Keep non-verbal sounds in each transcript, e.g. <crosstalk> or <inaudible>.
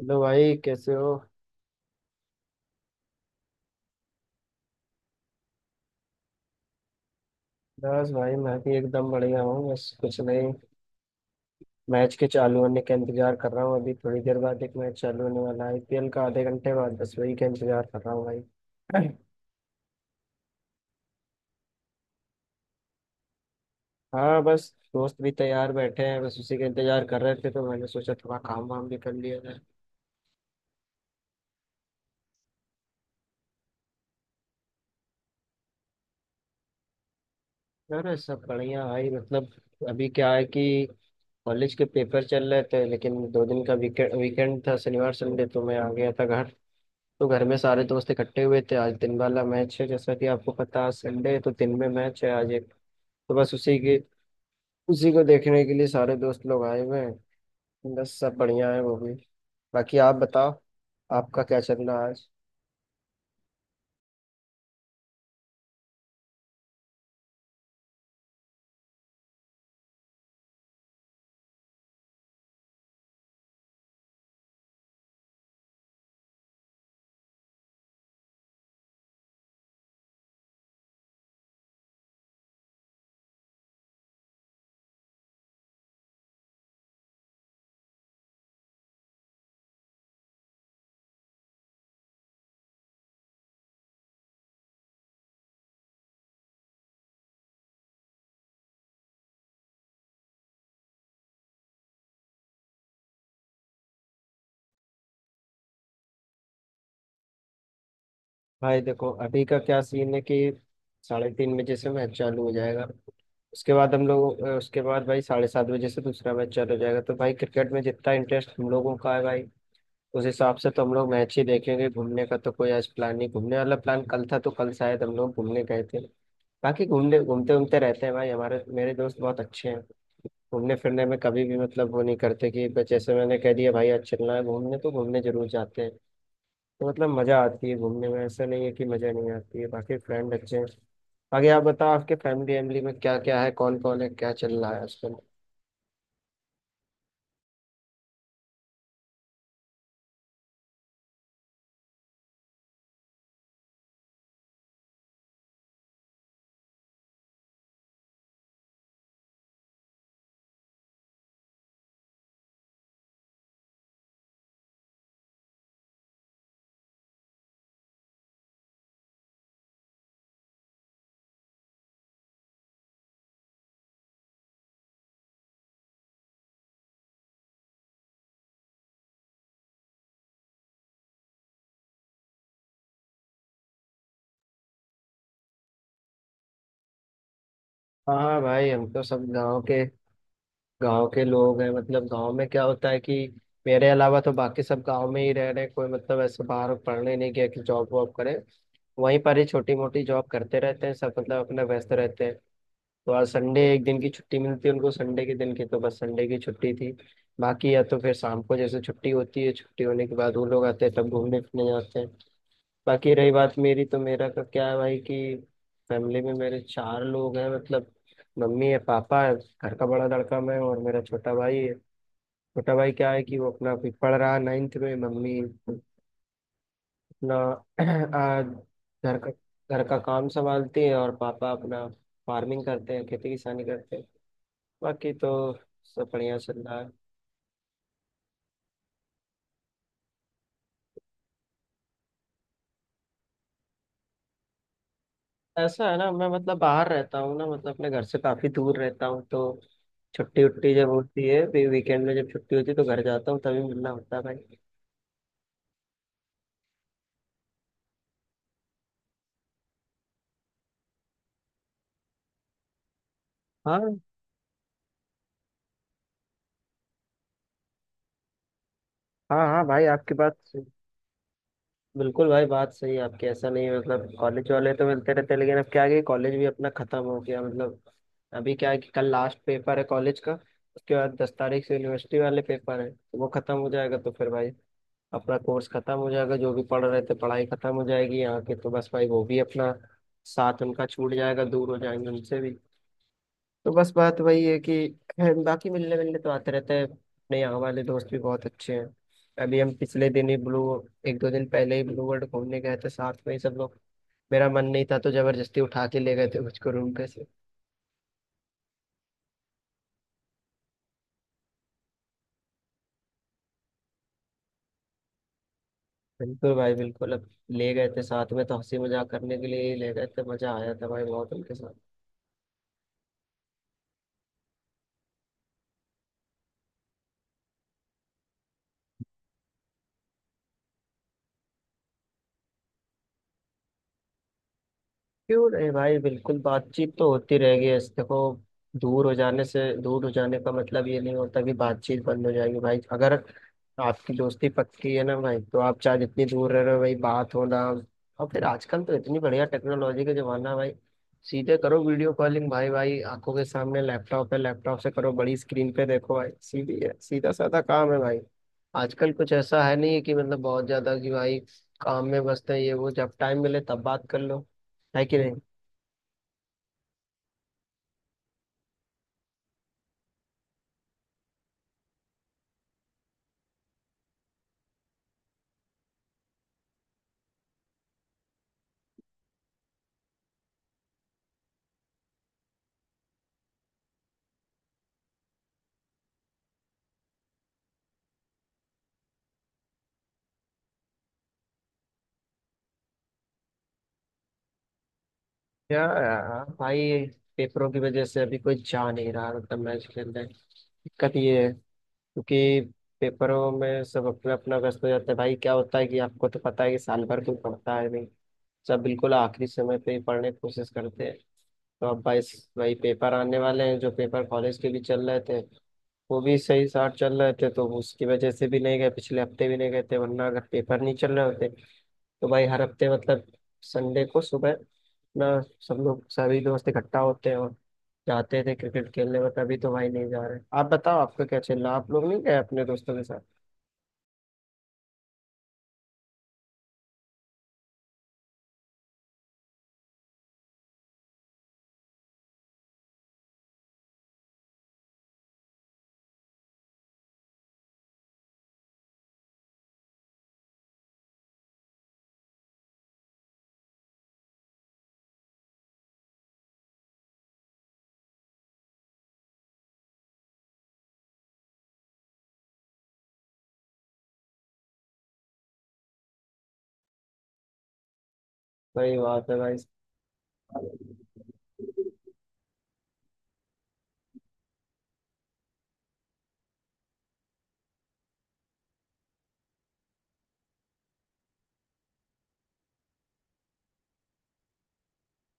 Hello भाई, कैसे हो। बस भाई, मैं भी एकदम बढ़िया हूँ। बस कुछ नहीं, मैच के चालू होने का इंतजार कर रहा हूँ। अभी थोड़ी देर बाद एक मैच चालू होने वाला है, आईपीएल का, आधे घंटे बाद। बस वही का इंतजार कर रहा हूँ भाई। हाँ बस, दोस्त भी तैयार बैठे हैं, बस उसी का इंतजार कर रहे थे तो मैंने सोचा थोड़ा काम वाम भी कर लिया जाए। अरे सब बढ़िया भाई। मतलब अभी क्या है कि कॉलेज के पेपर चल रहे थे, लेकिन 2 दिन का वीकेंड वीकेंड था, शनिवार संडे, तो मैं आ गया था घर। तो घर में सारे दोस्त इकट्ठे हुए थे। आज दिन वाला मैच है, जैसा कि आपको पता है संडे है तो दिन में मैच है आज एक। तो बस उसी को देखने के लिए सारे दोस्त लोग आए हुए हैं, बस सब बढ़िया है वो भी। बाकी आप बताओ, आपका क्या चल रहा है आज। भाई देखो अभी का क्या सीन है कि 3:30 बजे से मैच चालू हो जाएगा। उसके बाद हम लोग उसके बाद भाई 7:30 बजे से दूसरा मैच चालू हो जाएगा। तो भाई क्रिकेट में जितना इंटरेस्ट हम लोगों का है भाई, उस हिसाब से तो हम लोग मैच ही देखेंगे। घूमने का तो कोई आज प्लान नहीं, घूमने वाला प्लान कल था, तो कल शायद हम लोग घूमने गए थे। बाकी घूमने घूमते घूमते रहते हैं भाई, हमारे मेरे दोस्त बहुत अच्छे हैं। घूमने फिरने में कभी भी, मतलब वो नहीं करते कि बस जैसे मैंने कह दिया भाई आज चलना है घूमने, तो घूमने जरूर जाते हैं। तो मतलब मजा आती है घूमने में, ऐसा नहीं है कि मजा नहीं आती है। बाकी फ्रेंड अच्छे हैं। बाकी आप बताओ, आपके फैमिली वैमिली में क्या क्या है, कौन कौन है, क्या चल रहा है आजकल। हाँ हाँ भाई, हम तो सब गाँव के गांव के लोग हैं। मतलब गांव में क्या होता है कि मेरे अलावा तो बाकी सब गांव में ही रह रहे हैं। कोई मतलब ऐसे बाहर पढ़ने नहीं गया कि जॉब वॉब करे, वहीं पर ही छोटी मोटी जॉब करते रहते हैं सब, मतलब अपना व्यस्त रहते हैं। तो आज संडे एक दिन की छुट्टी मिलती है उनको संडे के दिन की, तो बस संडे की छुट्टी थी। बाकी या तो फिर शाम को जैसे छुट्टी होती है, छुट्टी होने के बाद वो लोग आते हैं तब घूमने फिरने जाते हैं। बाकी रही बात मेरी, तो मेरा का क्या है भाई कि फैमिली में मेरे 4 लोग हैं मतलब। मम्मी है, पापा है, घर का बड़ा लड़का मैं हूँ, और मेरा छोटा भाई है। छोटा भाई क्या है कि वो अपना अभी पढ़ रहा है नाइन्थ में। मम्मी अपना <clears throat> आ, घर का घर का काम संभालती है, और पापा अपना फार्मिंग करते हैं, खेती किसानी करते हैं। बाकी तो सब बढ़िया चल रहा है। ऐसा है ना, मैं मतलब बाहर रहता हूँ ना, मतलब अपने घर से काफी दूर रहता हूँ, तो छुट्टी उट्टी जब होती है, फिर वीकेंड में जब छुट्टी होती है तो घर जाता हूँ, तभी मिलना होता है भाई। हाँ हाँ हाँ भाई, आपकी बात बिल्कुल भाई, बात सही है आपकी। ऐसा नहीं है मतलब कॉलेज वाले तो मिलते रहते हैं, लेकिन अब क्या है कि कॉलेज भी अपना खत्म हो गया मतलब। अभी क्या है कि कल लास्ट पेपर है कॉलेज का। उसके बाद 10 तारीख से यूनिवर्सिटी वाले पेपर है, तो वो खत्म हो जाएगा, तो फिर भाई अपना कोर्स खत्म हो जाएगा, जो भी पढ़ रहे थे पढ़ाई खत्म हो जाएगी यहाँ के, तो बस भाई वो भी अपना साथ उनका छूट जाएगा, दूर हो जाएंगे उनसे भी। तो बस बात वही है कि बाकी मिलने मिलने तो आते रहते हैं, अपने यहाँ वाले दोस्त भी बहुत अच्छे हैं। अभी हम पिछले दिन ही ब्लू 1-2 दिन पहले ही ब्लू वर्ल्ड घूमने गए थे साथ में ही सब लोग। मेरा मन नहीं था तो जबरदस्ती उठा के ले गए थे मुझको रूम पे से। बिल्कुल भाई बिल्कुल, अब ले गए थे साथ में, तो हंसी मजाक करने के लिए ही ले गए थे, मजा आया था भाई बहुत उनके साथ। क्यों नहीं भाई, बिल्कुल बातचीत तो होती रहेगी। ऐसे देखो, दूर हो जाने से, दूर हो जाने का मतलब ये नहीं होता कि बातचीत बंद हो जाएगी भाई। अगर आपकी दोस्ती पक्की है ना भाई, तो आप चाहे जितनी दूर रह रहे हो भाई, बात हो ना। और फिर आजकल तो इतनी बढ़िया टेक्नोलॉजी का जमाना है भाई। सीधे करो वीडियो कॉलिंग भाई भाई आंखों के सामने लैपटॉप है, लैपटॉप से करो, बड़ी स्क्रीन पे देखो भाई, सीधी है, सीधा साधा काम है भाई। आजकल कुछ ऐसा है नहीं कि मतलब बहुत ज्यादा कि भाई काम में व्यस्त है ये वो, जब टाइम मिले तब बात कर लो। है कि नहीं। क्या यार भाई, पेपरों की वजह से अभी कोई जा नहीं रहा। मतलब मैं इसके अंदर दिक्कत ये है क्योंकि पेपरों में सब अपना अपना व्यस्त हो जाते हैं भाई। क्या होता है कि आपको तो पता है कि साल भर कोई पढ़ता है नहीं, सब बिल्कुल आखिरी समय पे ही पढ़ने की कोशिश करते हैं। तो अब भाई, पेपर आने वाले हैं, जो पेपर कॉलेज के भी चल रहे थे वो भी सही साथ चल रहे थे, तो उसकी वजह से भी नहीं गए, पिछले हफ्ते भी नहीं गए थे। वरना अगर पेपर नहीं चल रहे होते तो भाई हर हफ्ते मतलब संडे को सुबह ना, सब लोग सभी दोस्त इकट्ठा होते हैं और जाते थे क्रिकेट खेलने में, तभी तो भाई नहीं जा रहे। आप बताओ आपका क्या चल रहा, आप लोग नहीं गए अपने दोस्तों के साथ। वही बात है भाई।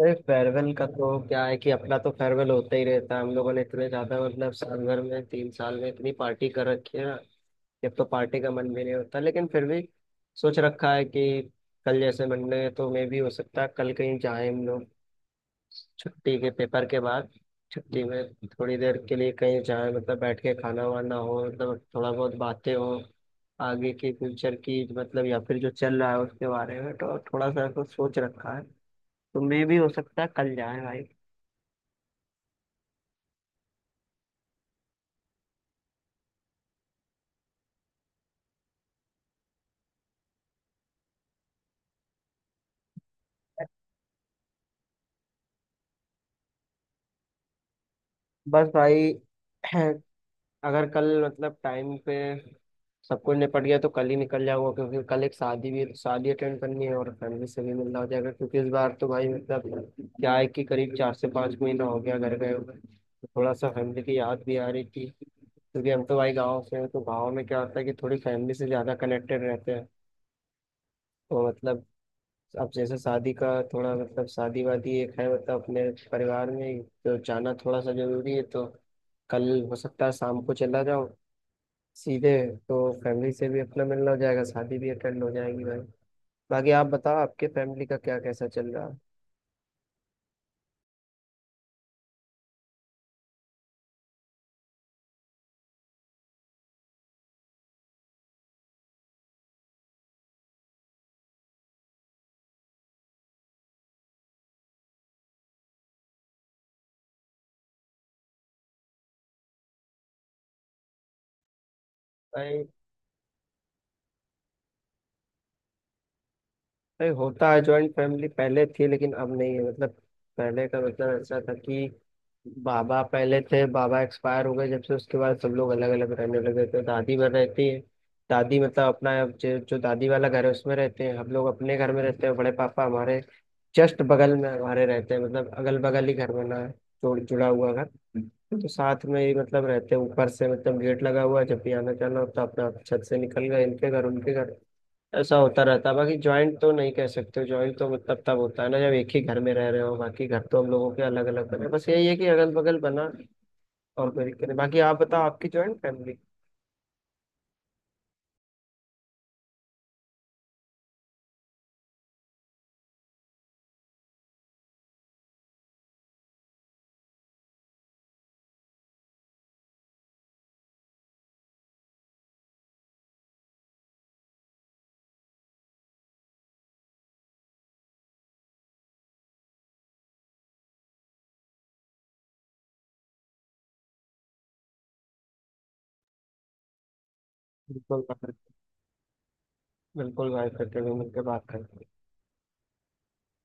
अरे फेयरवेल का तो क्या है कि अपना तो फेयरवेल होता ही रहता है, हम लोगों ने इतने ज्यादा मतलब साल भर में 3 साल में इतनी पार्टी कर रखी है ना, जब तो पार्टी का मन भी नहीं होता, लेकिन फिर भी सोच रखा है कि कल जैसे मंडे है तो मे भी हो सकता है कल कहीं जाए हम लोग। छुट्टी के, पेपर के बाद छुट्टी में थोड़ी देर के लिए कहीं जाए, मतलब बैठ के खाना वाना हो, मतलब थोड़ा बहुत बातें हो आगे के फ्यूचर की, मतलब या फिर जो चल रहा है उसके बारे में, तो थोड़ा सा ऐसा सोच रखा है, तो मे भी हो सकता है कल जाए भाई। बस भाई <clears throat> अगर कल मतलब टाइम पे सब कुछ निपट गया तो कल ही निकल जाऊंगा, क्योंकि कल एक शादी भी है, तो शादी अटेंड करनी है और फैमिली से भी मिलना हो जाएगा। क्योंकि इस बार तो भाई मतलब क्या है कि करीब 4 से 5 महीना हो गया घर गए हुए, तो थोड़ा सा फैमिली की याद भी आ रही थी, क्योंकि हम तो भाई गाँव से हैं, तो गाँव में क्या होता है कि थोड़ी फैमिली से ज़्यादा कनेक्टेड रहते हैं। तो मतलब अब जैसे शादी वादी एक है, मतलब अपने परिवार में ही, तो जाना थोड़ा सा जरूरी है, तो कल हो सकता है शाम को चला जाओ सीधे, तो फैमिली से भी अपना मिलना हो जाएगा, शादी भी अटेंड हो जाएगी भाई। बाकी आप बताओ आपके फैमिली का क्या कैसा चल रहा है। भाई, होता है जॉइंट फैमिली पहले थी लेकिन अब नहीं है, मतलब पहले का मतलब ऐसा था कि बाबा पहले थे, बाबा एक्सपायर हो गए, जब से उसके बाद सब लोग अलग अलग रहने लगे, तो दादी में रहती है। दादी मतलब अपना जो जो दादी वाला घर है उसमें रहते हैं हम लोग, अपने घर में रहते हैं। बड़े पापा हमारे जस्ट बगल में हमारे रहते हैं, मतलब अगल बगल ही घर बना है, जोड़ जुड़ा हुआ घर। तो साथ में ही मतलब रहते हैं, ऊपर से मतलब गेट लगा हुआ है, जब भी आना जाना होता है अपना छत से निकल गए इनके घर उनके घर, ऐसा होता रहता है। बाकी ज्वाइंट तो नहीं कह सकते, ज्वाइंट तो मतलब तब होता है ना जब एक ही घर में रह रहे हो, बाकी घर तो हम लोगों के अलग अलग बने, बस यही है कि अगल बगल बना, और कोई दिक्कत नहीं। बाकी आप बताओ आपकी ज्वाइंट फैमिली। बिल्कुल भाई, बिल्कुल भाई, करके भी मिलकर बात करते हैं।